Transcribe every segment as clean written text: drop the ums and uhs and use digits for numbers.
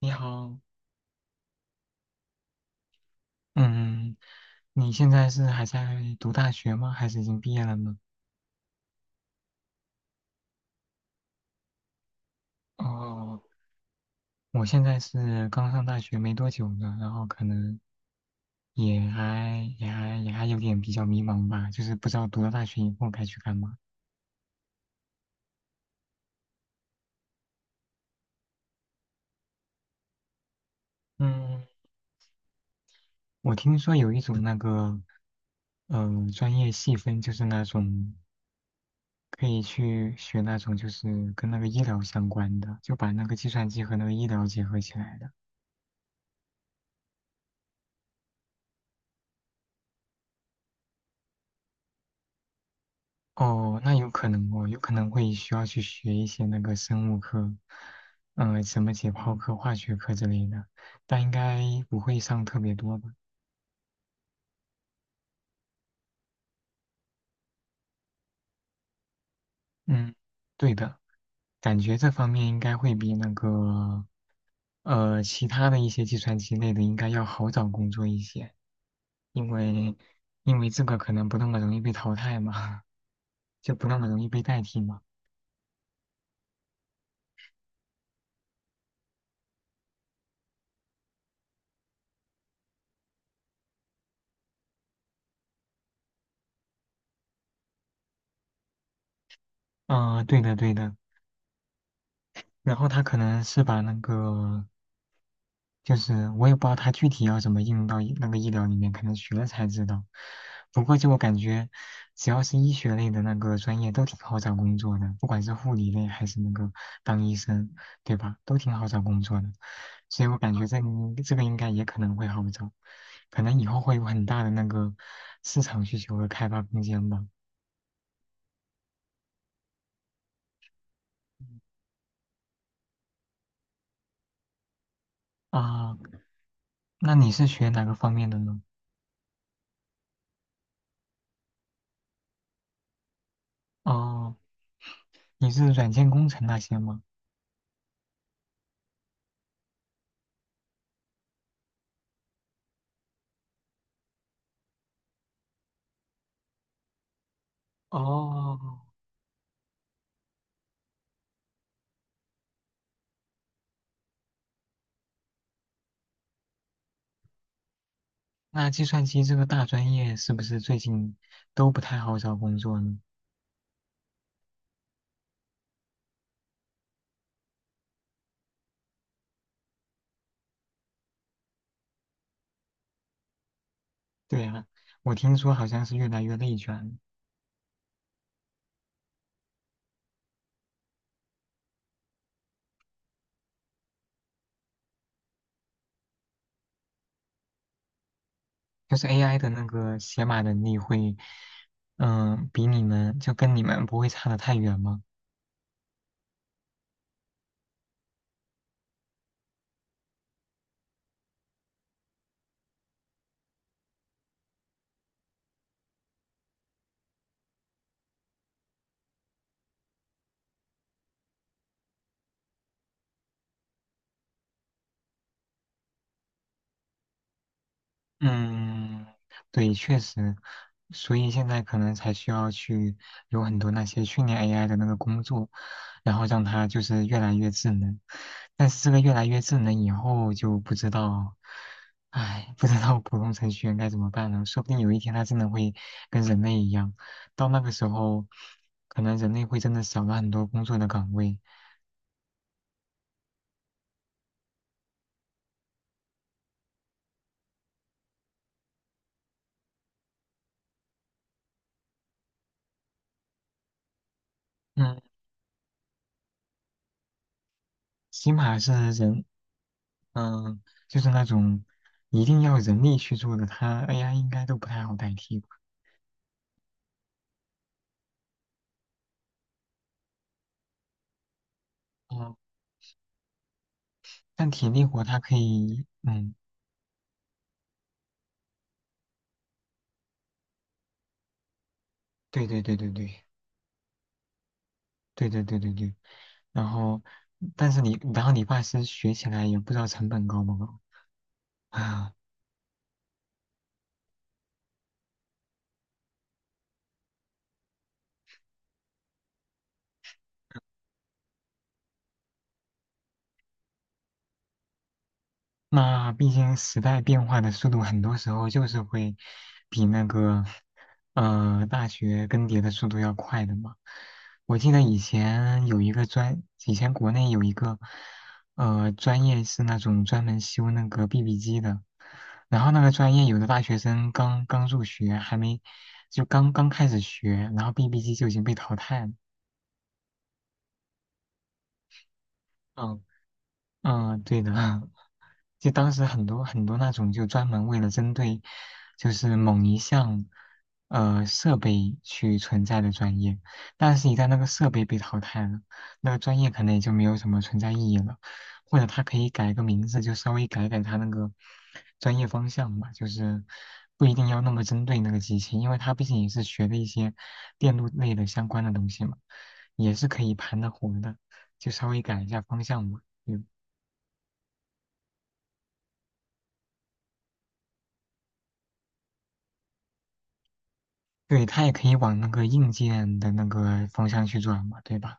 你好，嗯，你现在是还在读大学吗？还是已经毕业了呢？哦，我现在是刚上大学没多久呢，然后可能也还有点比较迷茫吧，就是不知道读了大学以后该去干嘛。嗯，我听说有一种那个，呃，专业细分，就是那种可以去学那种就是跟那个医疗相关的，就把那个计算机和那个医疗结合起来的。哦，那有可能哦，有可能会需要去学一些那个生物课，什么解剖课、化学课之类的，但应该不会上特别多吧？嗯，对的，感觉这方面应该会比那个，其他的一些计算机类的应该要好找工作一些，因为因为这个可能不那么容易被淘汰嘛，就不那么容易被代替嘛。嗯、对的对的，然后他可能是把那个。就是我也不知道它具体要怎么应用到医那个医疗里面，可能学了才知道。不过就我感觉，只要是医学类的那个专业都挺好找工作的，不管是护理类还是那个当医生，对吧？都挺好找工作的。所以我感觉这个应这个应该也可能会好找，可能以后会有很大的那个市场需求和开发空间吧。啊，那你是学哪个方面的呢？哦，你是软件工程那些吗？哦，那计算机这个大专业是不是最近都不太好找工作呢？对啊，我听说好像是越来越内卷，就是 AI 的那个写码能力会，比你们就跟你们不会差得太远吗？嗯，对，确实，所以现在可能才需要去有很多那些训练 AI 的那个工作，然后让它就是越来越智能。但是这个越来越智能以后就不知道，唉，不知道普通程序员该怎么办了。说不定有一天它真的会跟人类一样，到那个时候，可能人类会真的少了很多工作的岗位。嗯，起码是人嗯，就是那种一定要人力去做的，它 AI 应该都不太好代替吧。嗯，但体力活它可以，嗯，对对对对对对对对对对。然后，但是你，然后理发师学起来也不知道成本高不高。啊。那毕竟时代变化的速度，很多时候就是会比那个大学更迭的速度要快的嘛。我记得以前国内有一个专业是那种专门修那个 BB 机的，然后那个专业有的大学生刚刚入学，还没就刚刚开始学，然后 BB 机就已经被淘汰了。嗯嗯，对的啊，就当时很多很多那种就专门为了针对就是某一项设备去存在的专业，但是一旦那个设备被淘汰了，那个专业可能也就没有什么存在意义了，或者它可以改个名字，就稍微改改它那个专业方向嘛，就是不一定要那么针对那个机器，因为它毕竟也是学的一些电路类的相关的东西嘛，也是可以盘得活的，就稍微改一下方向嘛。嗯对，它也可以往那个硬件的那个方向去转嘛，对吧？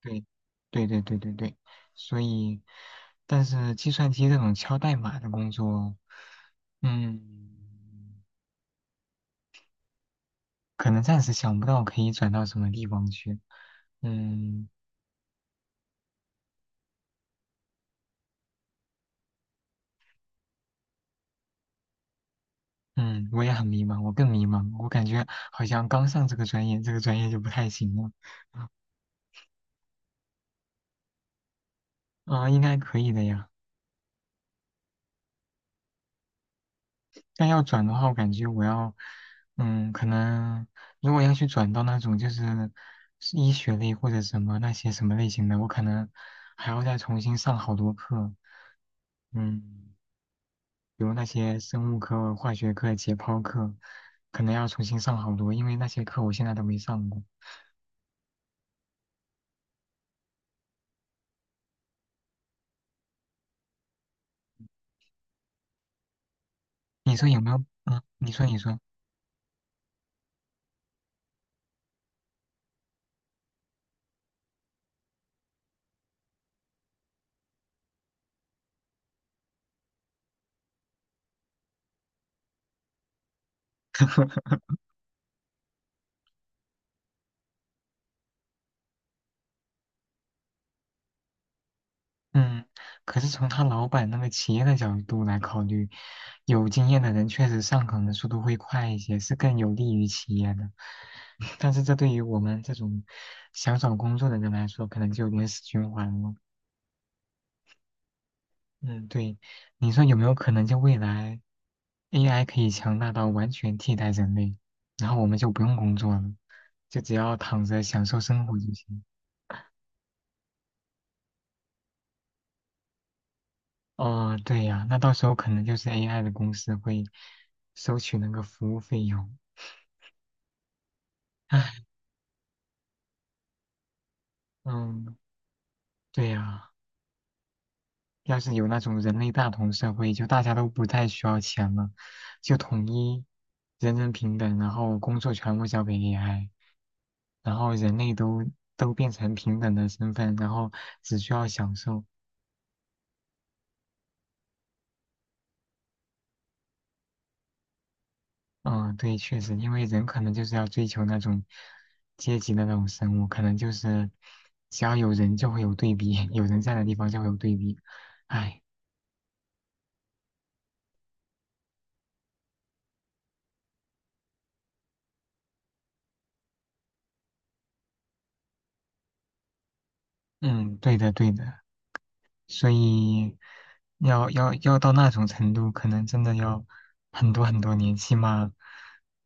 对，对对对对对。所以，但是计算机这种敲代码的工作，嗯，可能暂时想不到可以转到什么地方去。嗯嗯，我也很迷茫，我更迷茫，我感觉好像刚上这个专业，这个专业就不太行了。啊、应该可以的呀。但要转的话，我感觉我要，可能如果要去转到那种就是医学类或者什么那些什么类型的，我可能还要再重新上好多课，嗯，比如那些生物课、化学课、解剖课，可能要重新上好多，因为那些课我现在都没上过。你说有没有？嗯，你说你说。嗯，可是从他老板那个企业的角度来考虑，有经验的人确实上岗的速度会快一些，是更有利于企业的。但是这对于我们这种想找工作的人来说，可能就有点死循环了。嗯，对，你说有没有可能就未来 AI 可以强大到完全替代人类，然后我们就不用工作了，就只要躺着享受生活就行。哦，对呀，那到时候可能就是 AI 的公司会收取那个服务费用。唉，嗯，对呀，要是有那种人类大同社会，就大家都不太需要钱了，就统一人人平等，然后工作全部交给 AI，然后人类都变成平等的身份，然后只需要享受，嗯，对，确实，因为人可能就是要追求那种阶级的那种生物，可能就是只要有人就会有对比，有人在的地方就会有对比。哎，嗯，对的，对的，所以要到那种程度，可能真的要很多很多年，起码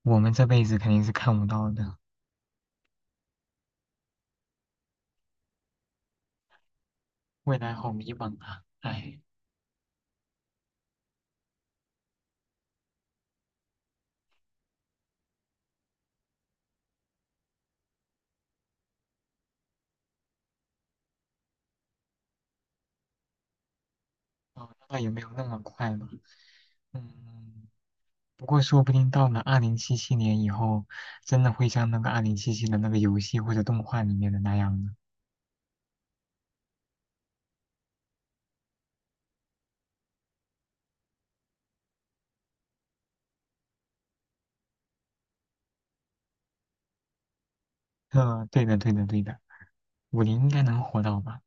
我们这辈子肯定是看不到的。未来好迷茫啊，哎，哦那也没有那么快吧，嗯。不过说不定到了2077年以后，真的会像那个二零七七的那个游戏或者动画里面的那样呢。嗯，对的，对的，对的，50应该能活到吧？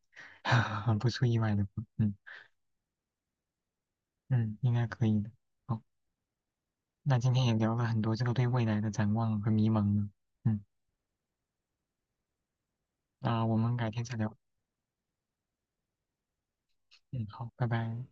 不出意外的话，嗯嗯，应该可以的。好，那今天也聊了很多这个对未来的展望和迷茫呢。嗯，那我们改天再聊。嗯，好，拜拜。